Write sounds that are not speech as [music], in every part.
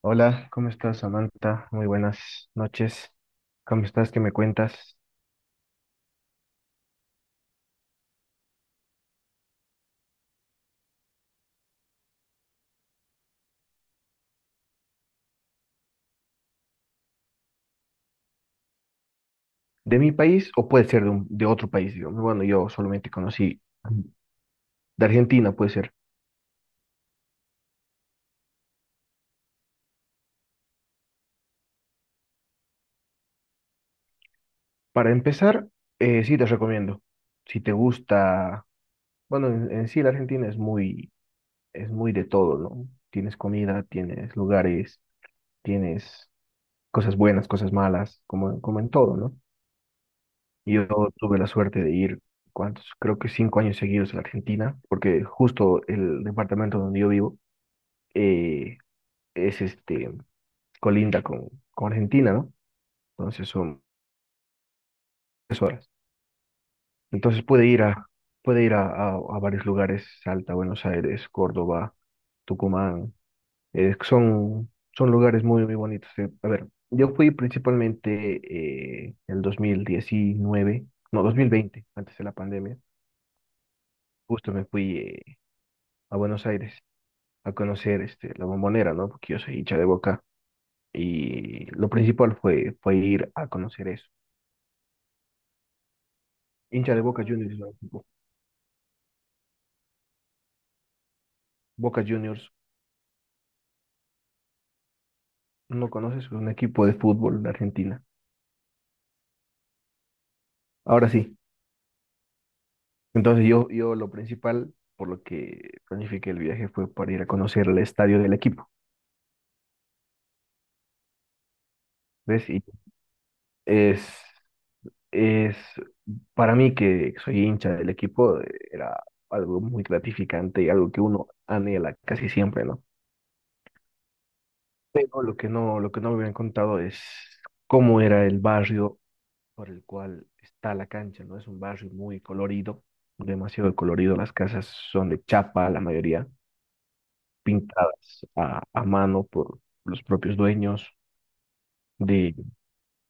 Hola, ¿cómo estás, Samantha? Muy buenas noches. ¿Cómo estás? ¿Qué me cuentas? ¿De mi país o puede ser de otro país? Digo, bueno, yo solamente conocí de Argentina, puede ser. Para empezar, sí te recomiendo. Si te gusta, bueno, en sí la Argentina es muy de todo, ¿no? Tienes comida, tienes lugares, tienes cosas buenas, cosas malas, como en todo, ¿no? Y yo tuve la suerte de ir, ¿cuántos? Creo que 5 años seguidos a la Argentina, porque justo el departamento donde yo vivo, eh, es este, colinda con Argentina, ¿no? Entonces son 3 horas. Entonces puede ir a varios lugares: Salta, Buenos Aires, Córdoba, Tucumán. eh, son, son lugares muy, muy bonitos. A ver, yo fui principalmente, el 2019, no, 2020, antes de la pandemia. Justo me fui, a Buenos Aires a conocer, este, la Bombonera, ¿no? Porque yo soy hincha de Boca y lo principal fue ir a conocer eso. Hincha de Boca Juniors, ¿no? Boca Juniors, no conoces, es un equipo de fútbol de Argentina. Ahora sí, entonces yo lo principal por lo que planifiqué el viaje fue para ir a conocer el estadio del equipo, ¿ves? Y es, es para mí, que soy hincha del equipo, era algo muy gratificante y algo que uno anhela casi siempre, ¿no? No, lo que no me habían contado es cómo era el barrio por el cual está la cancha, ¿no? Es un barrio muy colorido, demasiado colorido. Las casas son de chapa, la mayoría, pintadas a mano por los propios dueños, de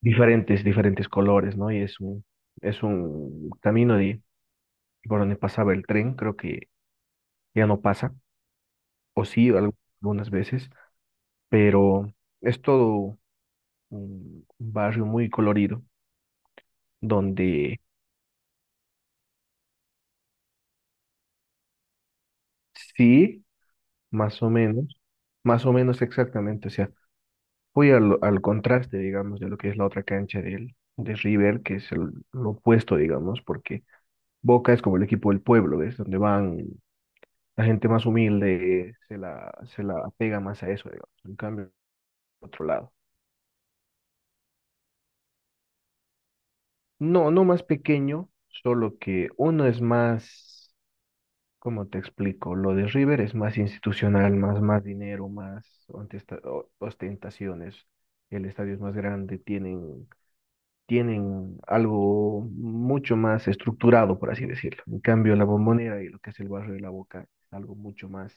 diferentes colores, ¿no? Y es un camino de, por donde pasaba el tren, creo que ya no pasa, o sí, algunas veces, pero es todo un barrio muy colorido donde... Sí, más o menos, más o menos exactamente. O sea, voy al contraste, digamos, de lo que es la otra cancha del, de River, que es el, lo opuesto, digamos, porque Boca es como el equipo del pueblo, ¿ves? Donde van la gente más humilde, se la apega más a eso, digamos. En cambio, otro lado. No, no más pequeño, solo que uno es más. Como te explico, lo de River es más institucional, más, más dinero, más ostentaciones. El estadio es más grande, tienen algo mucho más estructurado, por así decirlo. En cambio, la Bombonera y lo que es el barrio de la Boca es algo mucho más,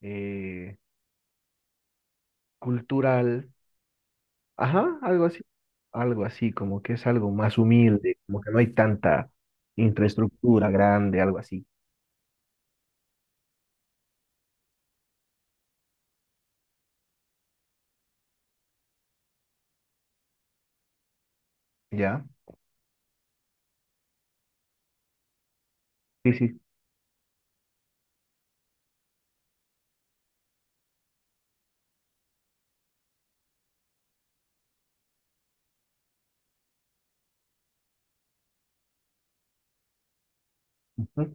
eh, cultural. Ajá, algo así. Algo así, como que es algo más humilde, como que no hay tanta infraestructura grande, algo así. ¿Ya? Sí, sí. Ujú,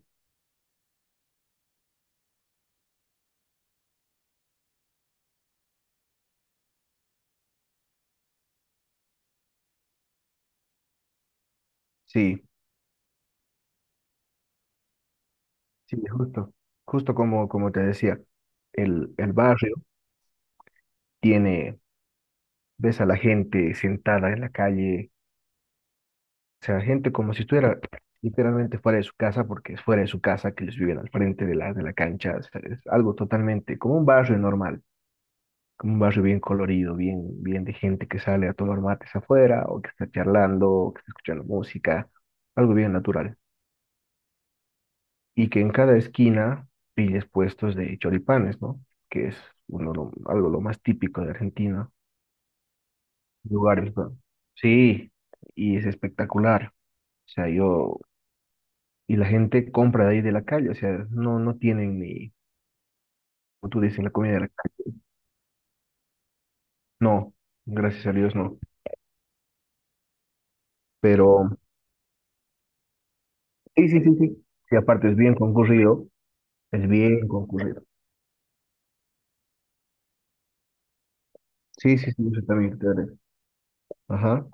sí. Sí, justo, justo, como te decía, el barrio tiene, ves a la gente sentada en la calle, o sea, gente como si estuviera literalmente fuera de su casa, porque es fuera de su casa, que ellos viven al frente de la cancha. O sea, es algo totalmente como un barrio normal, como un barrio bien colorido, bien, bien de gente que sale a tomar mates afuera, o que está charlando, o que está escuchando música, algo bien natural. Y que en cada esquina pilles puestos de choripanes, ¿no? Que es algo lo más típico de Argentina. Lugares, ¿no? Sí, y es espectacular. O sea, y la gente compra de ahí de la calle. O sea, no, no tienen ni, como tú dices, la comida de la calle. No, gracias a Dios no. Pero, sí, sí, sí, sí. Y aparte es bien concurrido, es bien concurrido. Sí, sí, sí, eso también te daré. Ajá.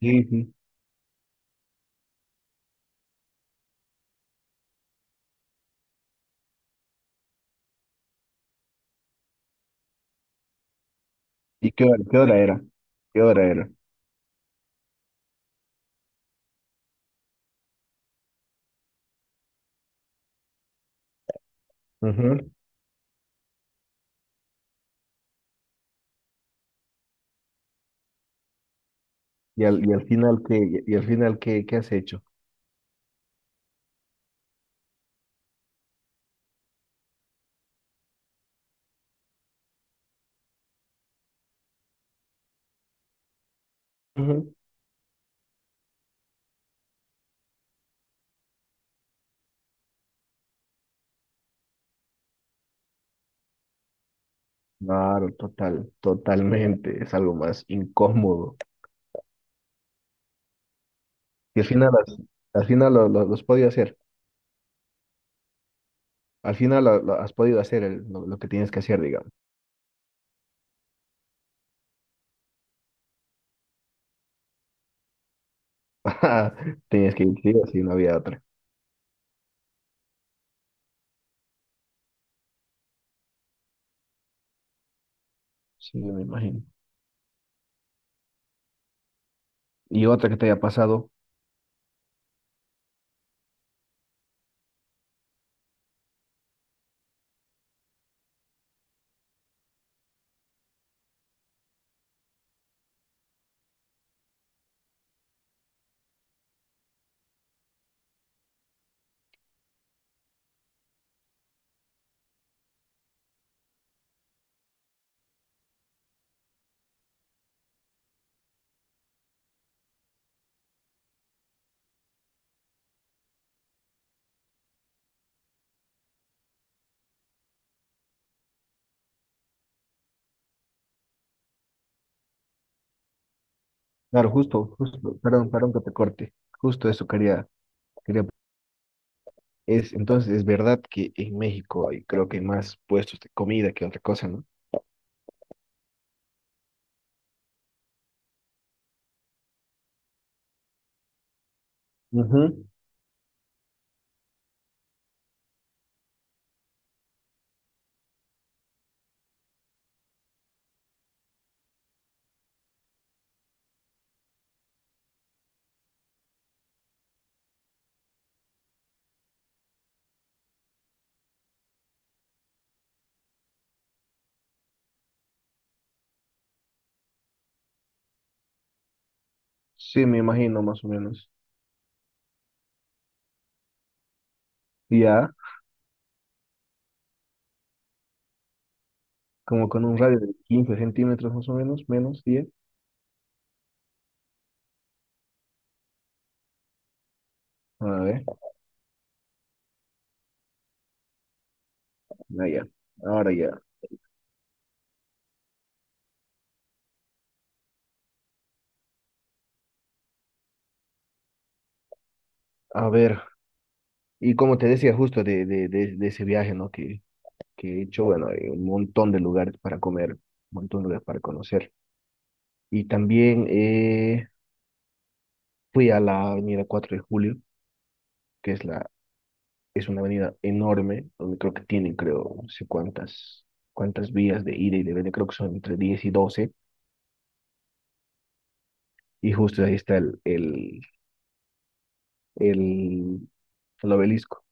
Sí, sí. ¿Y qué hora era? ¿Qué hora era? Ujú. Y al final, qué has hecho? Ujú. Claro, totalmente. Es algo más incómodo. Y al final, al final lo has podido hacer. Al final lo has podido hacer lo que tienes que hacer, digamos. [laughs] Tenías que ir, sí o sí, no había otra. Sí, me imagino. Y otra que te haya pasado. Claro, justo, justo. Perdón, perdón que te corte. Justo eso quería, quería. Entonces, es verdad que en México creo que hay más puestos de comida que otra cosa, ¿no? Ujú. Sí, me imagino más o menos. Y Ya, como con un radio de 15 centímetros más o menos, menos 10... A ver, ah, ya. Ahora ya. A ver, y como te decía, justo de ese viaje, ¿no? Que he hecho, bueno, hay un montón de lugares para comer, un montón de lugares para conocer. Y también, fui a la avenida 4 de Julio, que es, la, es una avenida enorme, donde creo que creo, no sé cuántas vías de ida y de venida, creo que son entre 10 y 12. Y justo ahí está el, el obelisco.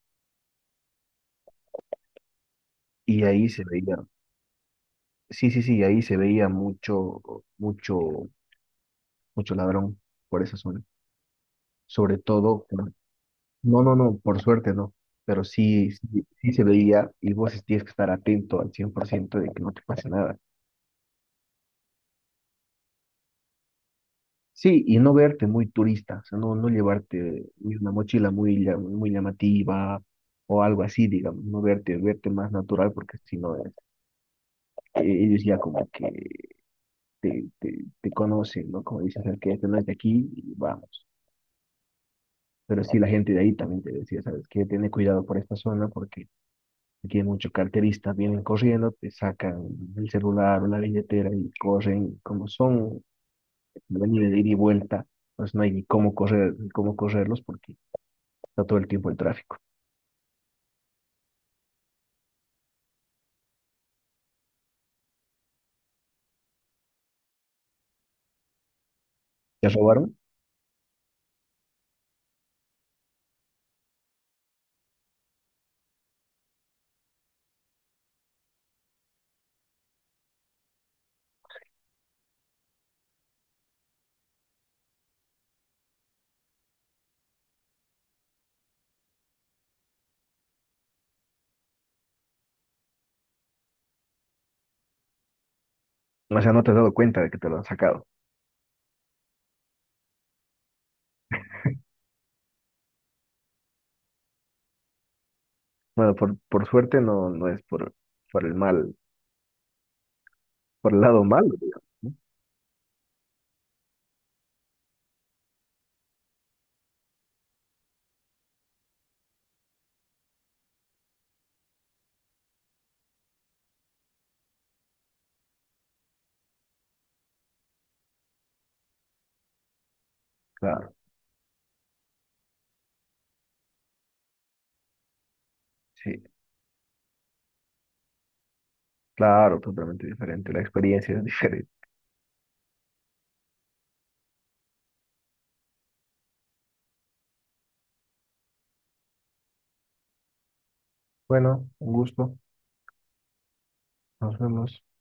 Y sí, sí, sí, ahí se veía mucho, mucho, mucho ladrón por esa zona. Sobre todo, no, no, no, por suerte no, pero sí, sí, sí se veía. Y vos tienes que estar atento al 100% de que no te pase nada. Sí, y no verte muy turista. O sea, no llevarte ni una mochila muy llamativa o algo así, digamos. No verte, verte más natural, porque si no, ellos ya como que te conocen, ¿no? Como dicen: sabes que este no es de aquí y vamos. Pero sí, la gente de ahí también te decía: sabes que tiene cuidado por esta zona, porque aquí hay muchos carteristas, vienen corriendo, te sacan el celular o la billetera y corren. Como son venir de ida y vuelta, pues no hay ni cómo correr, ni cómo correrlos, porque está todo el tiempo el tráfico. ¿Te robaron? O sea, no te has dado cuenta de que te lo han sacado. Bueno, por suerte no, no es por el por el lado malo, digamos, ¿no? Claro, sí. Claro, totalmente diferente. La experiencia es diferente. Bueno, un gusto. Nos vemos.